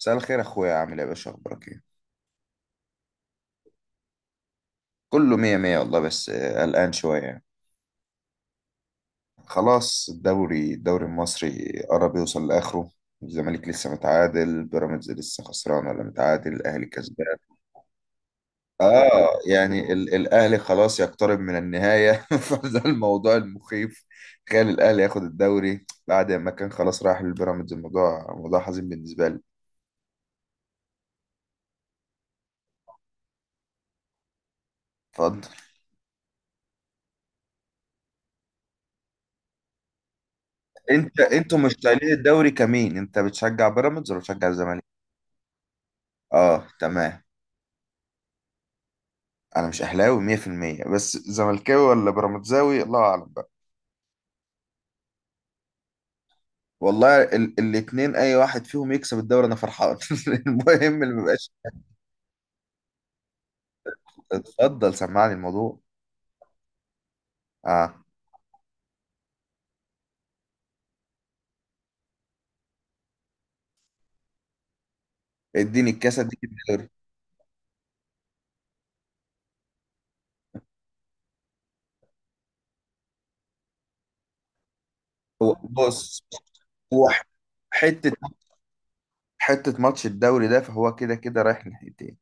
مساء الخير، اخويا. عامل ايه يا باشا؟ اخبارك ايه؟ كله مية مية والله. بس قلقان شوية. خلاص، الدوري المصري قرب يوصل لاخره. الزمالك لسه متعادل، بيراميدز لسه خسران ولا متعادل، الاهلي كسبان. اه، يعني الاهلي خلاص يقترب من النهاية. فده الموضوع المخيف. تخيل الاهلي ياخد الدوري بعد ما كان خلاص راح للبيراميدز. الموضوع موضوع حزين بالنسبة لي. اتفضل. انتوا مشتاقين الدوري كمين؟ انت بتشجع بيراميدز ولا بتشجع الزمالك؟ اه، تمام. انا مش اهلاوي 100%، بس زملكاوي ولا بيراميدزاوي الله اعلم بقى. والله الاتنين، اي واحد فيهم يكسب الدوري انا فرحان. المهم اللي مبقاش. اتفضل سمعني الموضوع. اه. اديني الكاسه اديك الدوري. هو بص. هو ح- حته حته ماتش الدوري ده، فهو كده كده رايح ناحيتين.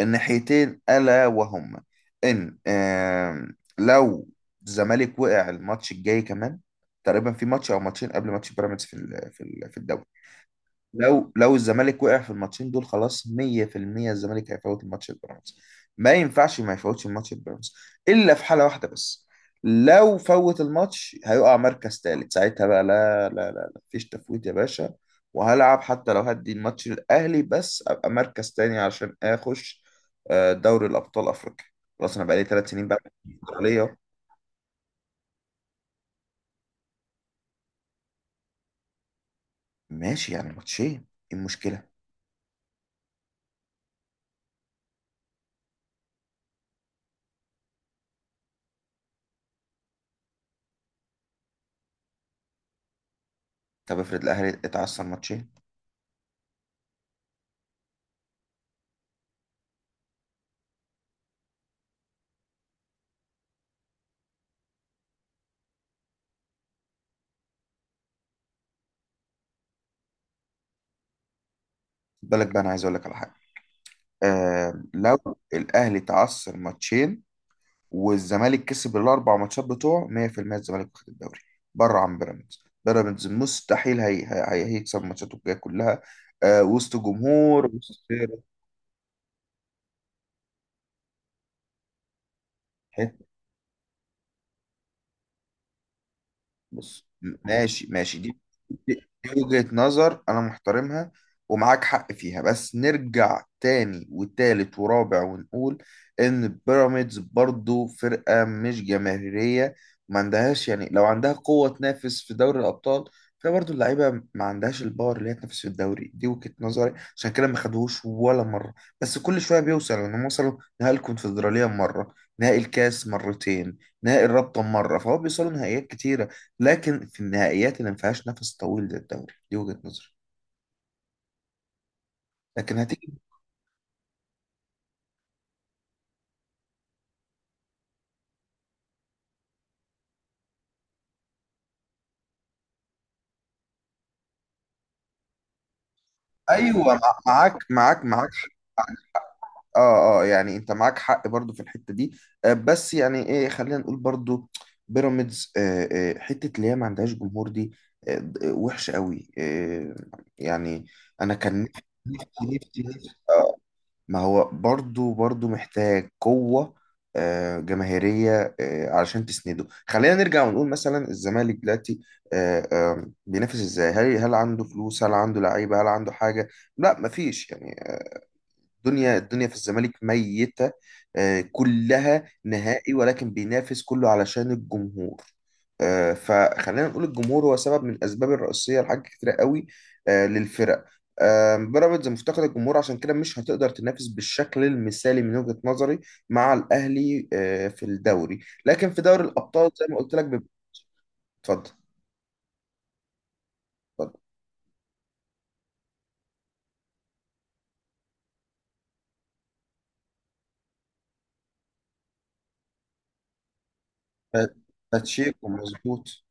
الناحيتين الا وهما ان، لو الزمالك وقع الماتش الجاي كمان، تقريبا في ماتش او ماتشين قبل ماتش بيراميدز في الدوري. لو الزمالك وقع في الماتشين دول، خلاص 100% الزمالك هيفوت الماتش البيراميدز. ما ينفعش ما يفوتش الماتش البيراميدز، الا في حاله واحده بس: لو فوت الماتش هيقع مركز ثالث. ساعتها بقى لا لا لا لا، مفيش تفويت يا باشا. وهلعب حتى لو هدي الماتش الاهلي، بس ابقى مركز تاني عشان اخش دوري الابطال افريقيا. خلاص انا بقالي 3 سنين بقى. ليه؟ ماشي، يعني ماتشين. إيه المشكله؟ طب افرض الاهلي اتعثر ماتشين. بالك بقى، انا عايز اقول لك على حاجه. لو الاهلي تعثر ماتشين، والزمالك كسب الاربع ماتشات بتوعه 100%، الزمالك واخد الدوري. بره عن بيراميدز، بيراميدز مستحيل هيكسب ماتشاته الجايه كلها، وسط جمهور وسط. بص، ماشي ماشي. دي دي وجهة نظر انا محترمها ومعاك حق فيها، بس نرجع تاني وتالت ورابع ونقول ان بيراميدز برضو فرقة مش جماهيرية. ما عندهاش، يعني، لو عندها قوة تنافس في دوري الابطال، فهي برضو اللعيبة ما عندهاش الباور اللي هي تنافس في الدوري. دي وجهة نظري عشان كده ما خدوهوش ولا مرة. بس كل شوية بيوصل انهم وصلوا نهائي الكونفدرالية مرة، نهائي الكاس مرتين، نهائي الرابطة مرة. فهو بيوصلوا نهائيات كتيرة، لكن في النهائيات اللي ما فيهاش نفس طويل للدوري. دي وجهة نظري، لكن هتيجي. ايوه، معاك معاك معاك. اه، اه، يعني انت معاك حق برضو في الحته دي. بس يعني ايه، خلينا نقول برضو بيراميدز حته اللي هي ما عندهاش جمهور دي، وحشه قوي. يعني، انا كان نفسي، نفسي نفسي نفسي- آه، ما هو برضو محتاج قوة جماهيرية علشان تسنده. خلينا نرجع ونقول مثلا الزمالك دلوقتي بينافس ازاي؟ هل عنده فلوس؟ هل عنده لعيبة؟ هل عنده حاجة؟ لا، مفيش يعني. الدنيا في الزمالك ميتة، كلها نهائي. ولكن بينافس كله علشان الجمهور. فخلينا نقول الجمهور هو سبب من الأسباب الرئيسية لحاجات كتيرة قوي للفرق. بيراميدز مفتقد الجمهور، عشان كده مش هتقدر تنافس بالشكل المثالي من وجهة نظري مع الأهلي في الدوري. لكن في دوري الأبطال زي ما قلت لك بيبقى- اتفضل. اتفضل. ف- باتشيكو، مظبوط.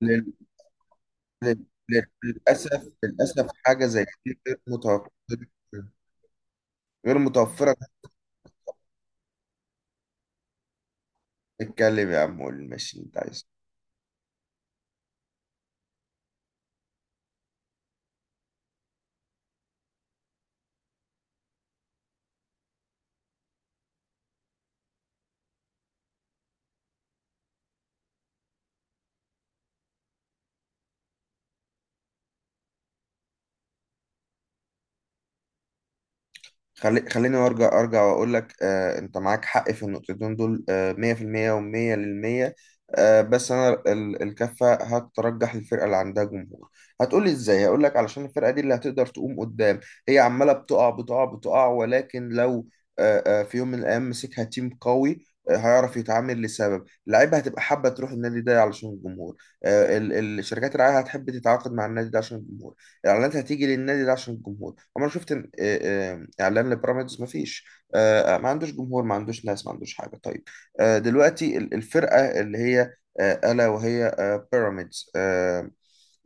تمام. للأسف حاجة زي دي غير متوفرة. غير متوفرة. نتكلم يا عم، قول ماشي انت عايز. خليني ارجع واقول لك، انت معاك حق في النقطتين دول، آه، 100% و100 للمية. بس انا الكفه هترجح الفرقه اللي عندها جمهور. هتقولي ازاي؟ هقول لك علشان الفرقه دي اللي هتقدر تقوم قدام. هي عماله بتقع بتقع بتقع، ولكن لو في يوم من الايام مسكها تيم قوي، هيعرف يتعامل. لسبب اللعيبه هتبقى حابه تروح النادي ده علشان الجمهور، الشركات الرعايه هتحب تتعاقد مع النادي ده عشان الجمهور، الاعلانات هتيجي للنادي ده عشان الجمهور. عمر شفت اعلان لبيراميدز؟ ما فيش. ما عندوش جمهور، ما عندوش ناس، ما عندوش حاجه. طيب، دلوقتي الفرقه اللي هي الا وهي بيراميدز،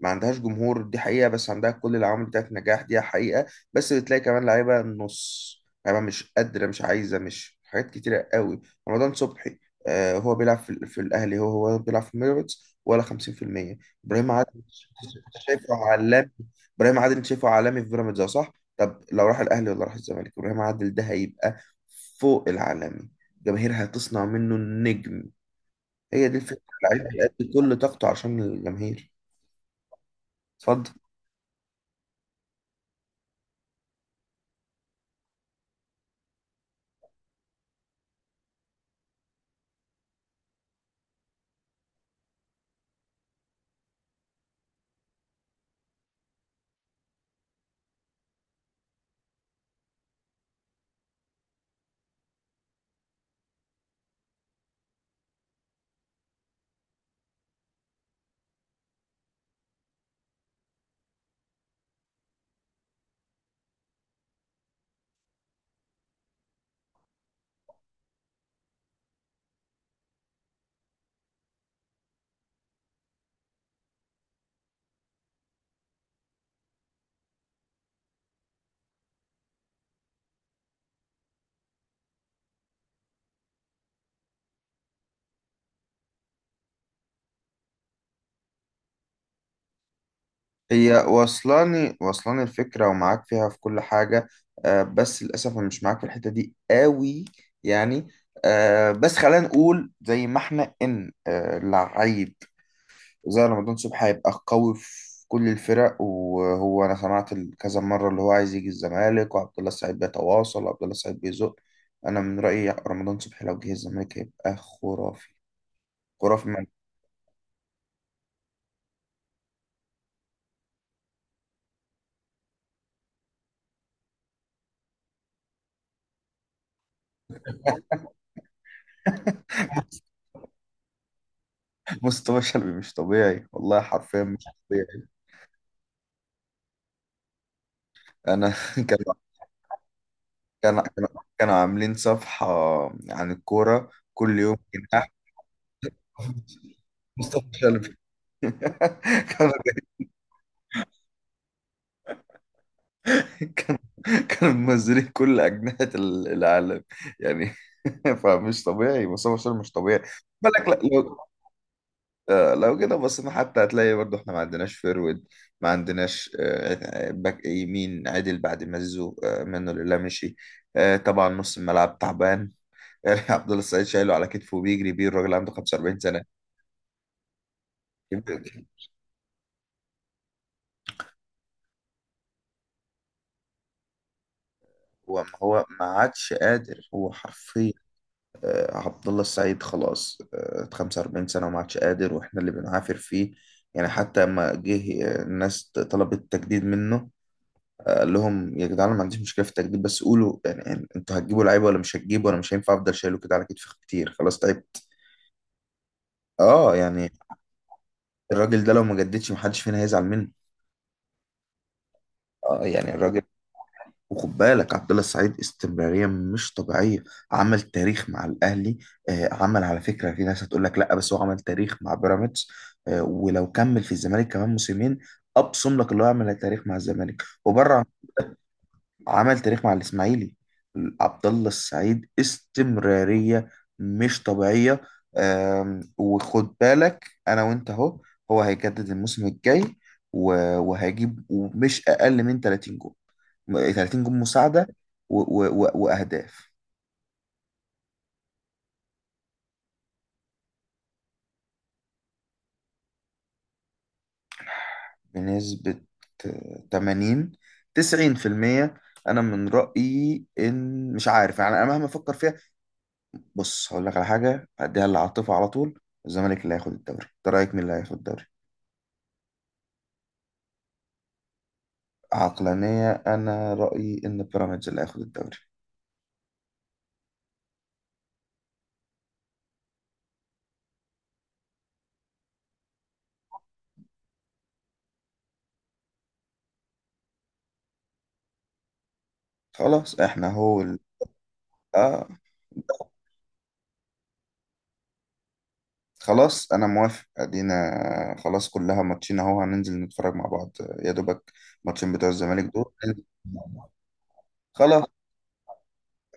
ما عندهاش جمهور، دي حقيقه، بس عندها كل العوامل بتاعت نجاح، دي حقيقه. بس بتلاقي كمان لعيبه نص، لعيبه مش قادره، مش عايزه، مش، حاجات كتيره قوي. رمضان صبحي هو بيلعب في الاهلي، هو بيلعب في بيراميدز ولا 50%؟ ابراهيم عادل أنت شايفه عالمي. ابراهيم عادل أنت شايفه عالمي في بيراميدز، اه صح. طب لو راح الاهلي ولا راح الزمالك، ابراهيم عادل ده هيبقى فوق العالمي. الجماهير هتصنع منه النجم. هي دي الفكره. اللعيب هيأدي كل طاقته عشان الجماهير. اتفضل. هي واصلاني الفكره، ومعاك فيها في كل حاجه. بس للاسف انا مش معاك في الحته دي قوي. يعني، بس خلينا نقول زي ما احنا ان لعيب زي رمضان صبحي هيبقى قوي في كل الفرق. وهو انا سمعت كذا مره اللي هو عايز يجي الزمالك، وعبد الله السعيد بيتواصل، وعبد الله السعيد بيزق. انا من رايي رمضان صبحي لو جه الزمالك هيبقى خرافي. خرافي من مصطفى شلبي مش طبيعي والله، حرفيا مش طبيعي. انا كان كان كان- كانوا عاملين صفحه عن الكوره، كل يوم جناح. مصطفى شلبي. كان كانوا كانوا منزلين كل أجنحة العالم، يعني. فمش طبيعي مصطفى شلبي، مش طبيعي. بالك، لو لو كده بصينا، حتى هتلاقي برضه احنا ما عندناش فيرود، ما عندناش باك يمين عدل بعد ما زيزو منه لله مشي. طبعا نص الملعب تعبان يعني. عبد الله السعيد شايله على كتفه بيجري بيه، الراجل عنده 45 سنة. هو ما عادش قادر، هو حرفيا، عبد الله السعيد خلاص، 45 سنة وما عادش قادر، واحنا اللي بنعافر فيه يعني. حتى لما جه الناس طلبت تجديد منه، قال لهم يا جدعان، أنا ما عنديش مشكلة في التجديد، بس قولوا، يعني، انتوا هتجيبوا لعيبة ولا مش هتجيبوا؟ انا مش هينفع افضل شايله كده على كتفي كتير، خلاص تعبت. اه، يعني الراجل ده لو ما جددش محدش فينا هيزعل منه. اه، يعني الراجل. وخد بالك، عبد الله السعيد استمرارية مش طبيعية. عمل تاريخ مع الأهلي، عمل، على فكرة في ناس هتقول لك لا، بس هو عمل تاريخ مع بيراميدز. ولو كمل في الزمالك كمان موسمين أبصم لك اللي هو عمل تاريخ مع الزمالك. وبره، عمل تاريخ مع الاسماعيلي. عبد الله السعيد استمراريه مش طبيعيه. وخد بالك، انا وانت اهو، هو هيجدد الموسم الجاي وهيجيب مش اقل من 30 جول. 30 جول مساعده واهداف. بنسبه 80، 90%. انا من رايي ان، مش عارف يعني، انا مهما افكر فيها. بص، هقول لك على حاجة، أديها للعاطفة على طول: الزمالك اللي هياخد الدوري. أنت رأيك مين اللي هياخد الدوري؟ عقلانية، أنا رأيي إن بيراميدز اللي هياخد الدوري. خلاص إحنا، هو آه. خلاص أنا موافق، أدينا، خلاص، كلها ماتشين أهو، هننزل نتفرج مع بعض. يا دوبك ماتشين بتوع الزمالك دول، ننزل مع بعض. خلاص.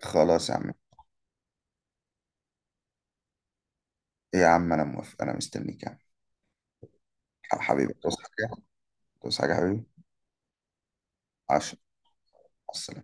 خلاص يا عم. إيه يا عم، أنا موافق، أنا مستنيك يا عم. حبيبي، توصل حاجة؟ توصل حاجة يا حبيبي؟ عشرة. مع السلامة.